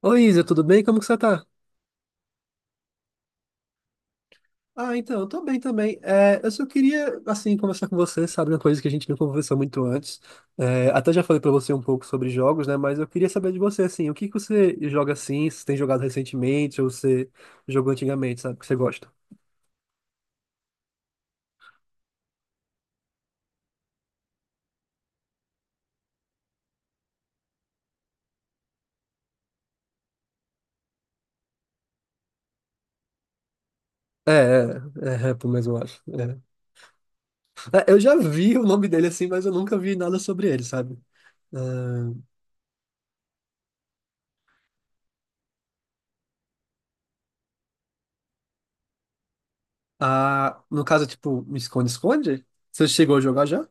Oi, Isa, tudo bem? Como que você tá? Ah, então, eu tô bem também. É, eu só queria, assim, conversar com você, sabe, uma coisa que a gente não conversou muito antes. É, até já falei pra você um pouco sobre jogos, né? Mas eu queria saber de você, assim, o que que você joga assim, se tem jogado recentemente ou você jogou antigamente, sabe, que você gosta? É, é, é, Repo mesmo, eu acho. É. É, eu já vi o nome dele, assim, mas eu nunca vi nada sobre ele, sabe? Ah, ah, no caso, tipo, me esconde-esconde? Você chegou a jogar já?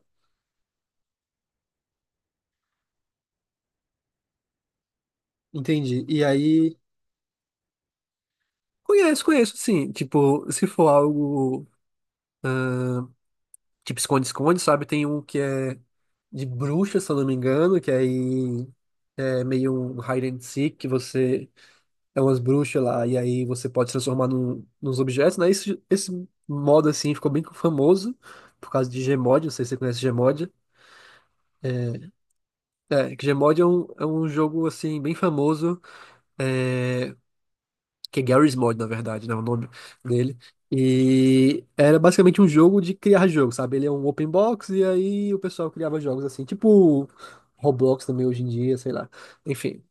Entendi. E aí. Conheço, conheço, sim. Tipo, se for algo tipo esconde-esconde, sabe? Tem um que é de bruxa, se eu não me engano, que aí é meio um hide and seek, que você é umas bruxas lá, e aí você pode se transformar num, nos objetos, né? Esse modo, assim, ficou bem famoso por causa de Gmod, não sei se você conhece Gmod. É, que Gmod é um jogo, assim, bem famoso, é, que é Garry's Mod, na verdade, né, o nome dele. E era basicamente um jogo de criar jogo, sabe? Ele é um open box e aí o pessoal criava jogos assim, tipo Roblox também hoje em dia, sei lá. Enfim,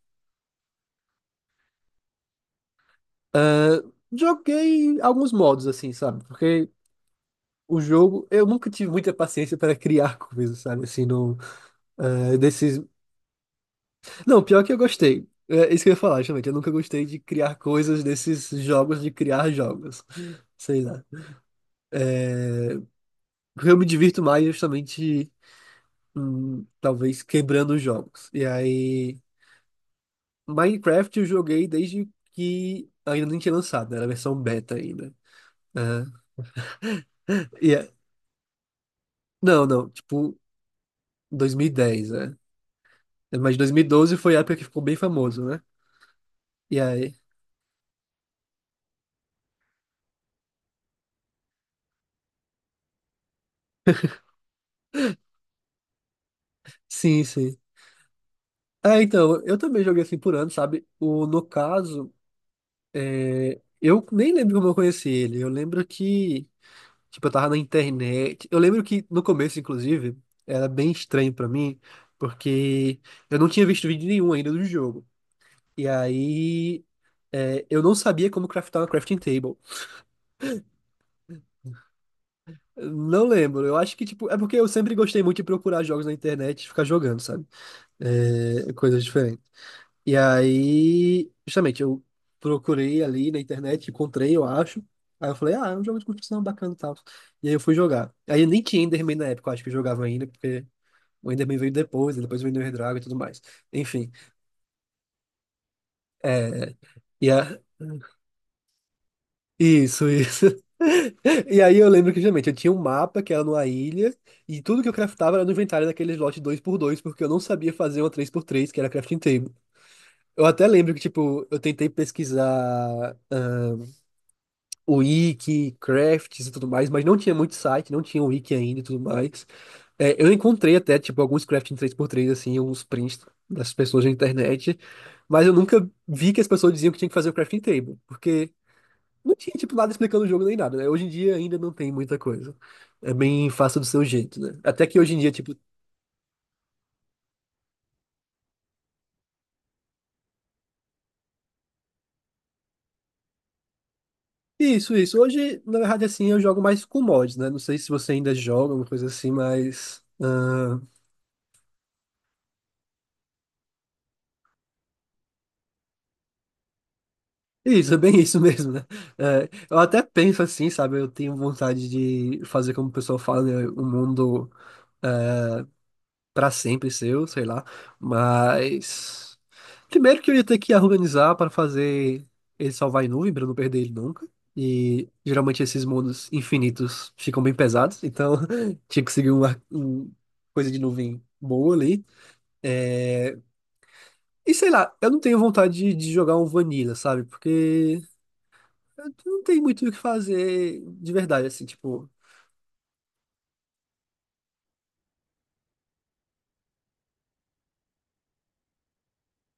ah, joguei alguns modos assim, sabe? Porque o jogo, eu nunca tive muita paciência para criar coisas, sabe? Assim, no, ah, desses. Não, pior que eu gostei. É isso que eu ia falar, justamente. Eu nunca gostei de criar coisas desses jogos de criar jogos. Sei lá. Porque eu me divirto mais é justamente, talvez quebrando os jogos. E aí, Minecraft eu joguei desde que ainda nem tinha lançado, né? Era a versão beta ainda. Aham. E não, não, tipo 2010, né? Mas 2012 foi a época que ficou bem famoso, né? E aí, sim, sim. Ah, então, eu também joguei assim por ano, sabe? O, no caso, eu nem lembro como eu conheci ele. Eu lembro que tipo, eu tava na internet. Eu lembro que no começo, inclusive, era bem estranho pra mim, porque eu não tinha visto vídeo nenhum ainda do jogo. E aí, eu não sabia como craftar uma crafting table. Não lembro. Eu acho que, tipo, é porque eu sempre gostei muito de procurar jogos na internet e ficar jogando, sabe? É, coisas diferentes. E aí, justamente, eu procurei ali na internet, encontrei, eu acho. Aí eu falei, ah, é um jogo de construção bacana e tal. E aí eu fui jogar. Aí eu nem tinha Enderman na época, eu acho que eu jogava ainda, porque o Enderman veio depois, e depois veio o Drago e tudo mais. Enfim. É, e a- Isso, isso. E aí eu lembro que justamente eu tinha um mapa que era numa ilha, e tudo que eu craftava era no inventário daqueles lotes dois por dois porque eu não sabia fazer uma três por três que era crafting table. Eu até lembro que, tipo, eu tentei pesquisar, o wiki, crafts e tudo mais, mas não tinha muito site, não tinha wiki ainda e tudo mais. É, eu encontrei até, tipo, alguns crafting três por três assim, uns prints das pessoas na internet, mas eu nunca vi que as pessoas diziam que tinha que fazer o crafting table, porque não tinha, tipo, nada explicando o jogo nem nada, né? Hoje em dia ainda não tem muita coisa. É bem fácil do seu jeito, né? Até que hoje em dia, tipo, isso, isso. Hoje, na verdade, assim, eu jogo mais com mods, né? Não sei se você ainda joga, alguma coisa assim, mas. Isso, é bem isso mesmo, né? É, eu até penso assim, sabe? Eu tenho vontade de fazer como o pessoal fala, né? O mundo para sempre seu, sei lá. Mas primeiro que eu ia ter que organizar para fazer ele salvar em nuvem para eu não perder ele nunca. E geralmente esses mundos infinitos ficam bem pesados, então tinha que seguir uma coisa de nuvem boa ali. E sei lá, eu não tenho vontade de jogar um Vanilla, sabe? Porque eu não tem muito o que fazer de verdade, assim, tipo.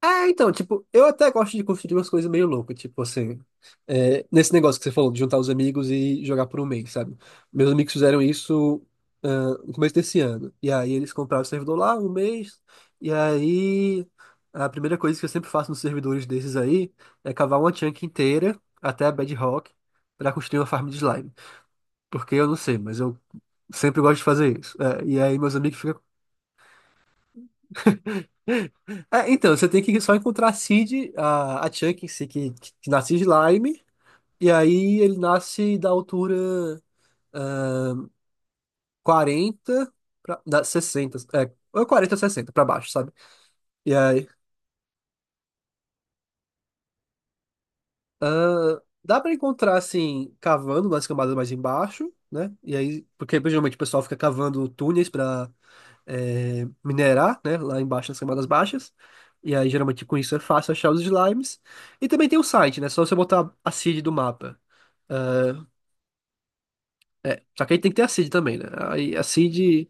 É, então, tipo, eu até gosto de construir umas coisas meio loucas, tipo assim, nesse negócio que você falou, de juntar os amigos e jogar por um mês, sabe? Meus amigos fizeram isso, ah, no começo desse ano. E aí eles compraram o servidor lá um mês, e aí a primeira coisa que eu sempre faço nos servidores desses aí é cavar uma chunk inteira até a bedrock pra construir uma farm de slime. Porque eu não sei, mas eu sempre gosto de fazer isso. É, e aí meus amigos ficam. É, então, você tem que só encontrar a Cid, a Chuck em si, que nasce de Lyme, e aí ele nasce da altura 40 da 60, ou 40 ou 60 pra baixo, sabe? E aí dá pra encontrar assim, cavando nas camadas mais embaixo, né? E aí, porque geralmente o pessoal fica cavando túneis pra minerar, né? Lá embaixo nas camadas baixas. E aí, geralmente com isso é fácil achar os slimes. E também tem o site, né? Só você botar a Cid do mapa. Ah, só que aí tem que ter a seed também, né? Aí a seed,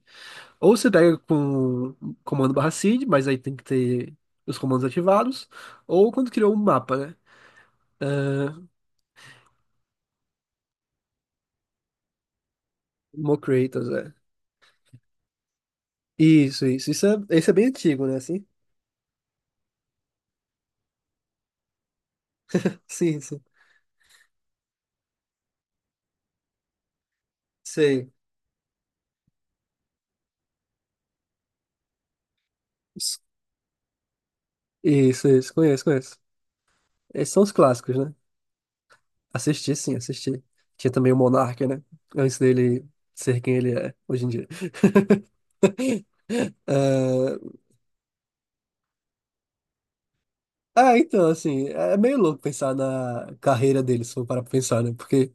ou você pega com comando barra seed, mas aí tem que ter os comandos ativados, ou quando criou um mapa, né? Mocreators, é. Isso, isso. Isso é, esse é bem antigo, né? Assim? Sim, sim. Sei. Isso, isso. Conheço, conheço. Esses são os clássicos, né? Assisti, sim, assisti. Tinha também o Monark, né? Antes dele ser quem ele é hoje em dia. Ah, ah, então, assim, é meio louco pensar na carreira dele, se for parar pra pensar, né? Porque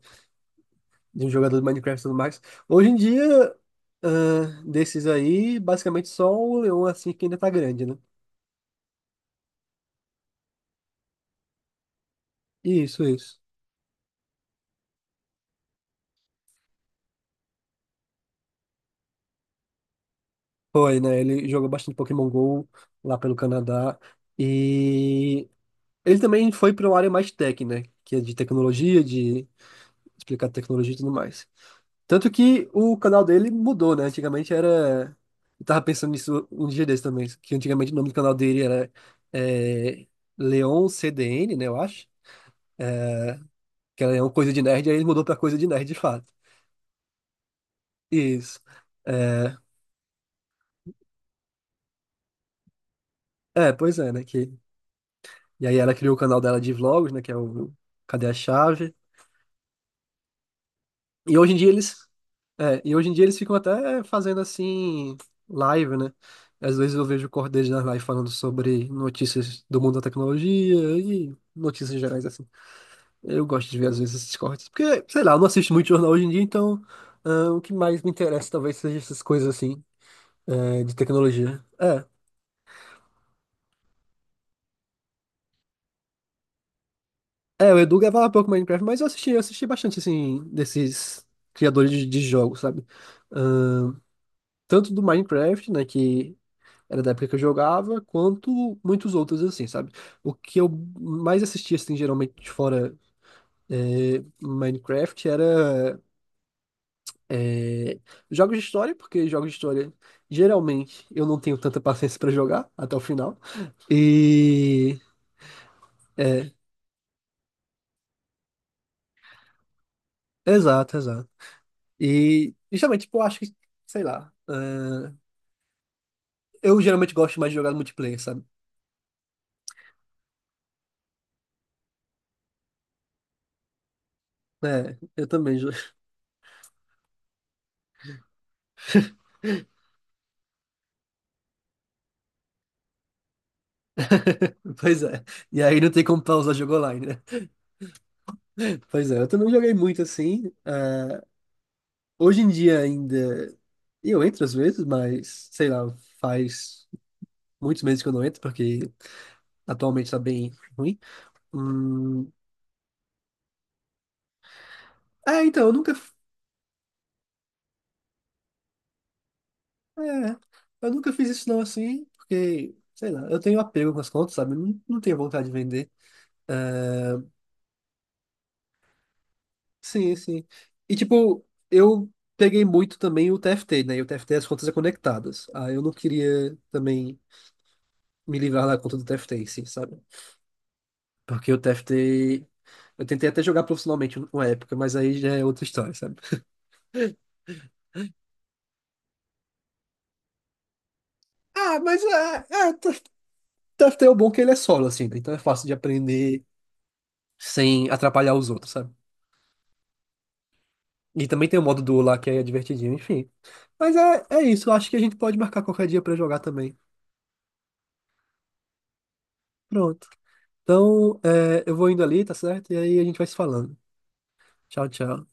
de um jogador de Minecraft e tudo mais. Hoje em dia, desses aí, basicamente só o Leon assim que ainda tá grande, né? Isso, isso. Foi, né? Ele jogou bastante Pokémon Go lá pelo Canadá. E ele também foi para uma área mais tech, né? Que é de tecnologia, de explicar tecnologia e tudo mais. Tanto que o canal dele mudou, né? Antigamente era. Eu tava pensando nisso um dia desse também, que antigamente o nome do canal dele era, é, Leon CDN, né? Eu acho. Que ela é uma coisa de nerd, aí ele mudou pra coisa de nerd de fato. Isso. É, é, pois é, né? Que. E aí ela criou o canal dela de vlogs, né? Que é o Cadê a Chave? E hoje em dia eles. É, e hoje em dia eles ficam até fazendo assim, live, né? Às vezes eu vejo o Cordeiro na live falando sobre notícias do mundo da tecnologia e notícias gerais assim. Eu gosto de ver às vezes esses cortes, porque, sei lá, eu não assisto muito jornal hoje em dia, então o que mais me interessa talvez seja essas coisas assim, de tecnologia. É, o Edu gravava pouco Minecraft, mas eu assisti, bastante, assim, desses criadores de jogos, sabe? Ahn, tanto do Minecraft, né, que era da época que eu jogava, quanto muitos outros, assim, sabe? O que eu mais assistia, assim, geralmente fora, Minecraft era, é, jogos de história, porque jogos de história, geralmente, eu não tenho tanta paciência pra jogar até o final. E. É, exato, exato. E, justamente, tipo, eu acho que, sei lá. Eu geralmente gosto mais de jogar no multiplayer, sabe? É, eu também. Pois é. E aí não tem como pausar jogo online, né? Pois é, eu também joguei muito assim. Ah, hoje em dia ainda. Eu entro às vezes, mas sei lá, faz muitos meses que eu não entro, porque atualmente tá bem ruim. Hum, é, então, eu nunca. É, eu nunca fiz isso não assim, porque, sei lá, eu tenho apego com as contas, sabe? Não, não tenho vontade de vender. É, sim, sim. E tipo, eu peguei muito também o TFT, né? E o TFT é as contas é conectadas. Ah, eu não queria também me livrar da conta do TFT, em si, sabe? Porque o TFT. Eu tentei até jogar profissionalmente uma época, mas aí já é outra história, sabe? Ah, mas o TFT é o bom que ele é solo, assim, né? Então é fácil de aprender sem atrapalhar os outros, sabe? E também tem o modo duo lá que é divertidinho, enfim. Mas é isso, eu acho que a gente pode marcar qualquer dia pra jogar também. Pronto. Então, eu vou indo ali, tá certo? E aí a gente vai se falando. Tchau, tchau.